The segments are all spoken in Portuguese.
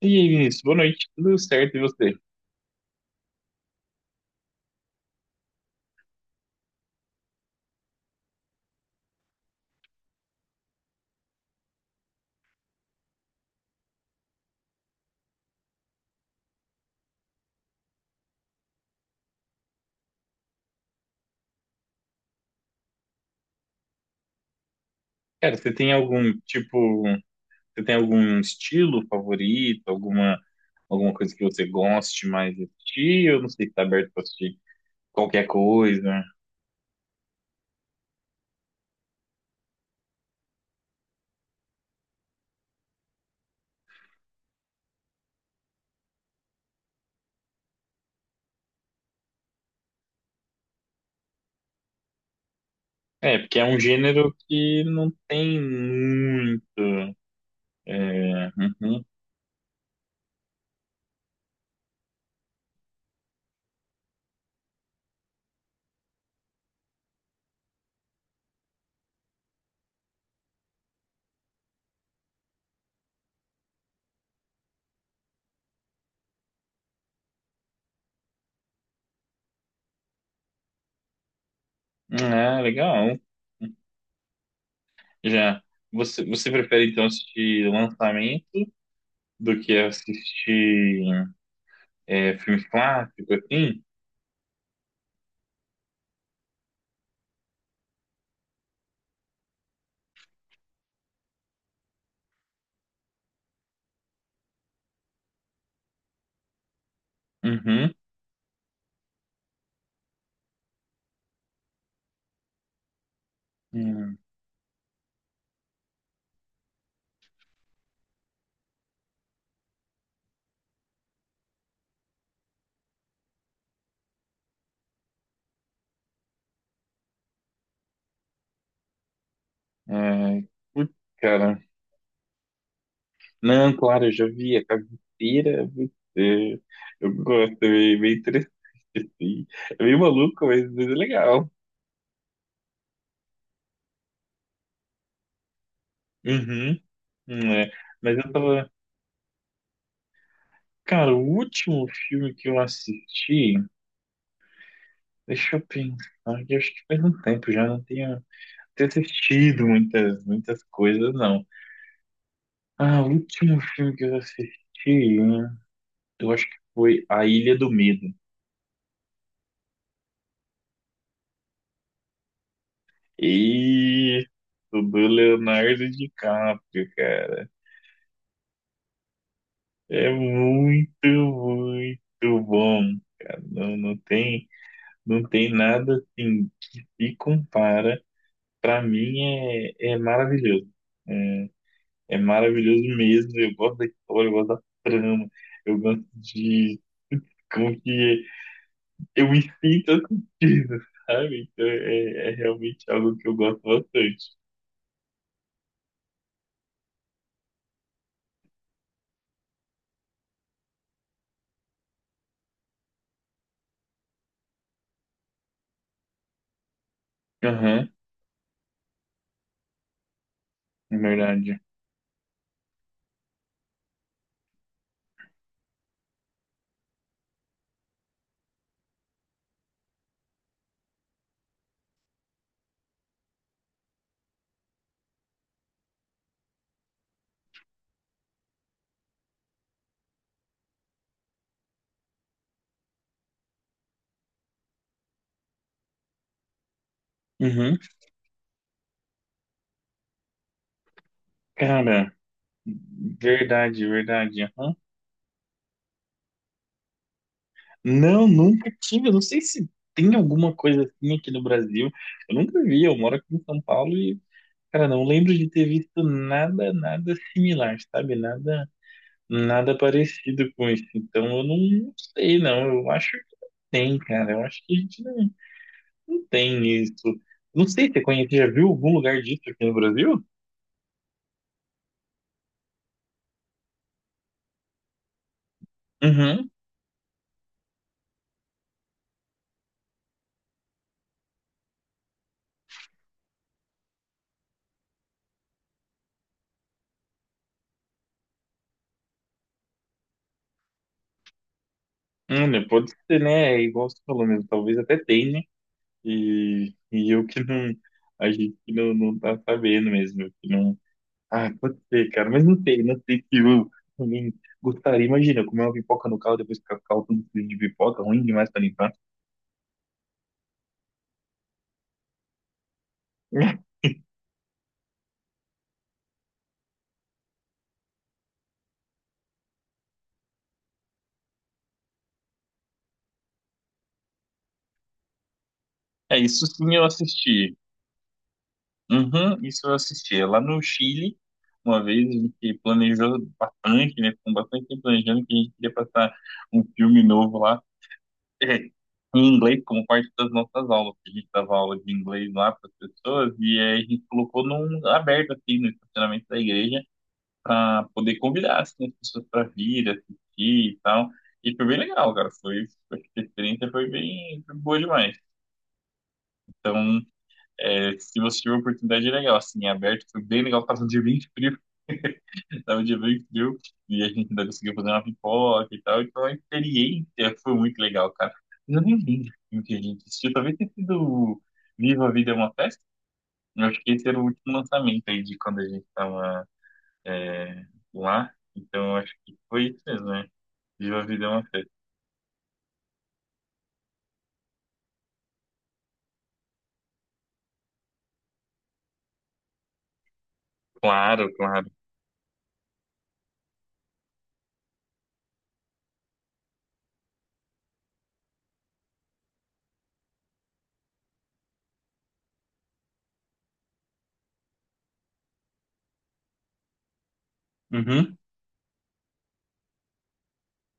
E aí, Vinícius, boa noite, tudo certo e você? Cara, você tem algum estilo favorito, alguma coisa que você goste mais de assistir? Eu não sei se tá aberto pra assistir qualquer coisa. É, porque é um gênero que não tem muito. É, uhum. Ah, legal. Já, você prefere então assistir lançamento do que assistir filme clássico, assim? Uhum. Hum. Ai, putz, cara. Não, claro, eu já vi a caveira. Putz, eu gosto, é meio interessante, assim. É meio maluco, mas é legal. Uhum, né? Mas eu tava. Cara, o último filme que eu assisti, deixa eu pensar, que eu acho que faz um tempo já não tenho assistido muitas coisas, não. Ah, o último filme que eu assisti, eu acho que foi A Ilha do Medo. E o do Leonardo DiCaprio, cara. É muito, muito bom, cara. Não, não tem nada assim que se compara. Pra mim é maravilhoso. É, É maravilhoso mesmo. Eu gosto da história, eu gosto da trama, eu gosto de como que eu me sinto assistindo, sabe? Então é realmente algo que eu gosto bastante. Aham, é verdade. Uhum. Cara. Verdade, verdade. Aham. Não, nunca tive. Eu não sei se tem alguma coisa assim aqui no Brasil. Eu nunca vi. Eu moro aqui em São Paulo e, cara, não lembro de ter visto nada, nada similar, sabe? Nada, nada parecido com isso. Então, eu não sei, não. Eu acho que não tem, cara. Eu acho que a gente não tem isso. Não sei, você conhece, já viu algum lugar disso aqui no Brasil? Uhum. Olha, pode ser, né? É, igual você falou mesmo, talvez até tenha. E eu que não, a gente que não tá sabendo mesmo, eu que não. Ah, pode ser, cara, mas não sei se eu também gostaria. Imagina, eu comer uma pipoca no carro, depois ficar com o carro tudo sujo de pipoca, ruim demais pra limpar. É, isso sim eu assisti. Uhum, isso eu assisti. É, lá no Chile, uma vez a gente planejou bastante, né? Ficou bastante tempo planejando que a gente queria passar um filme novo lá. Em inglês como parte das nossas aulas. Que A gente dava aula de inglês lá para as pessoas e aí a gente colocou num aberto assim no estacionamento da igreja para poder convidar assim as pessoas para vir assistir e tal. E foi bem legal, cara. A experiência foi boa demais. Então, se você tiver a oportunidade, é legal. Assim, é aberto, foi bem legal. Tava de bem frio e a gente ainda conseguiu fazer uma pipoca e tal. Então a experiência foi muito legal, cara. Eu nem lembro o que a gente assistiu. Talvez tenha sido Viva a Vida é uma Festa. Eu acho que esse era o último lançamento aí de quando a gente tava é, lá. Então eu acho que foi isso mesmo, né? Viva a Vida é uma Festa. Claro, claro. Uhum.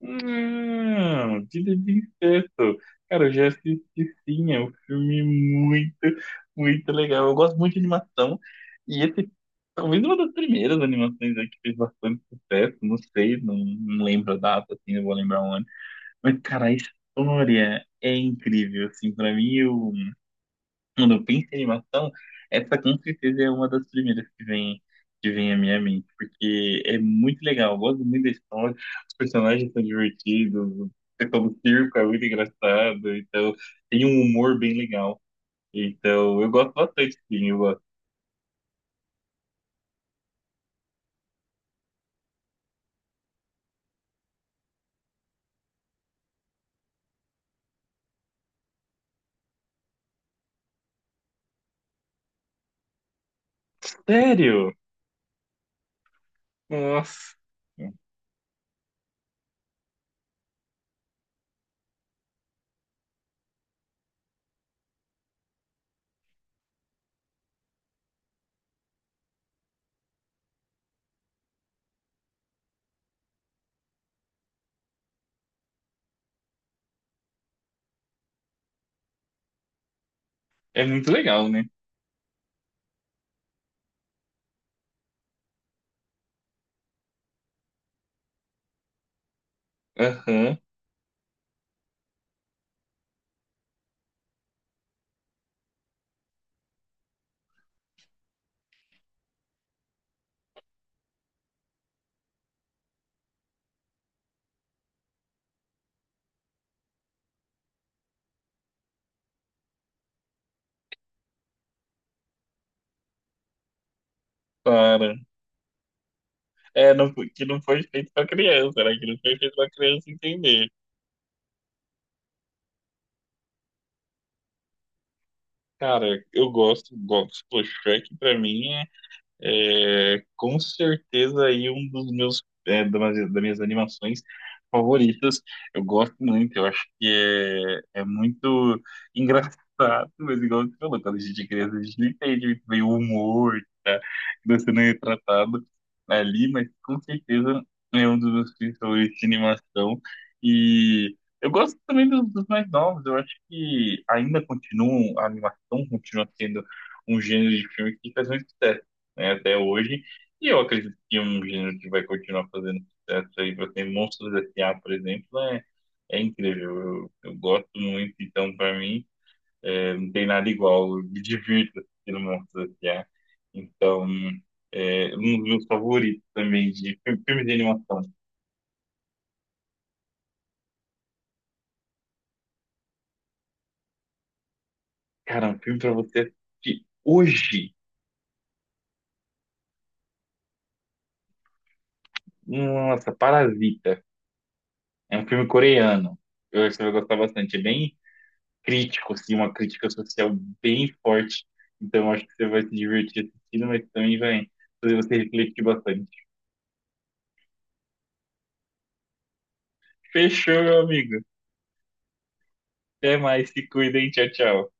Não, Vida de Incesto. Cara, eu já assisti sim, é um filme muito, muito legal. Eu gosto muito de animação. E esse, talvez uma das primeiras animações, né, que fez bastante sucesso, não sei, não lembro a data, assim, não vou lembrar o ano. Mas, cara, a história é incrível, assim, pra mim, eu quando eu penso em animação, essa com certeza é uma das primeiras que vem à minha mente, porque é muito legal, eu gosto muito da história, os personagens são divertidos, o pessoal do circo é muito engraçado, então tem um humor bem legal. Então eu gosto bastante, sim, eu gosto. Sério? Nossa, é muito legal, né? Aham, para. É, não, que não foi feito pra criança, né? Que não foi feito pra criança entender. Cara, eu gosto, gosto. Pô, Shrek pra mim é, com certeza aí um dos meus, das minhas animações favoritas. Eu gosto muito, eu acho que é muito engraçado, mas igual você falou, quando a gente é criança, a gente não entende muito bem o humor que tá sendo retratado ali, mas com certeza é um dos meus filmes favoritos de animação. E eu gosto também dos mais novos, eu acho que ainda continuam, a animação continua sendo um gênero de filme que faz muito sucesso, né, até hoje. E eu acredito que é um gênero que vai continuar fazendo sucesso aí para ter Monstros S.A., por exemplo, é incrível. Eu gosto muito, então para mim não tem nada igual. Eu me divirto assistindo Monstros S.A. Então é um dos meus favoritos também filme de animação. Cara, um filme para você assistir hoje. Nossa, Parasita. É um filme coreano. Eu acho que você vai gostar bastante. É bem crítico, assim, uma crítica social bem forte. Então, acho que você vai se divertir assistindo, mas também vai fazer você refletir bastante. Fechou, meu amigo. Até mais, se cuidem, tchau, tchau.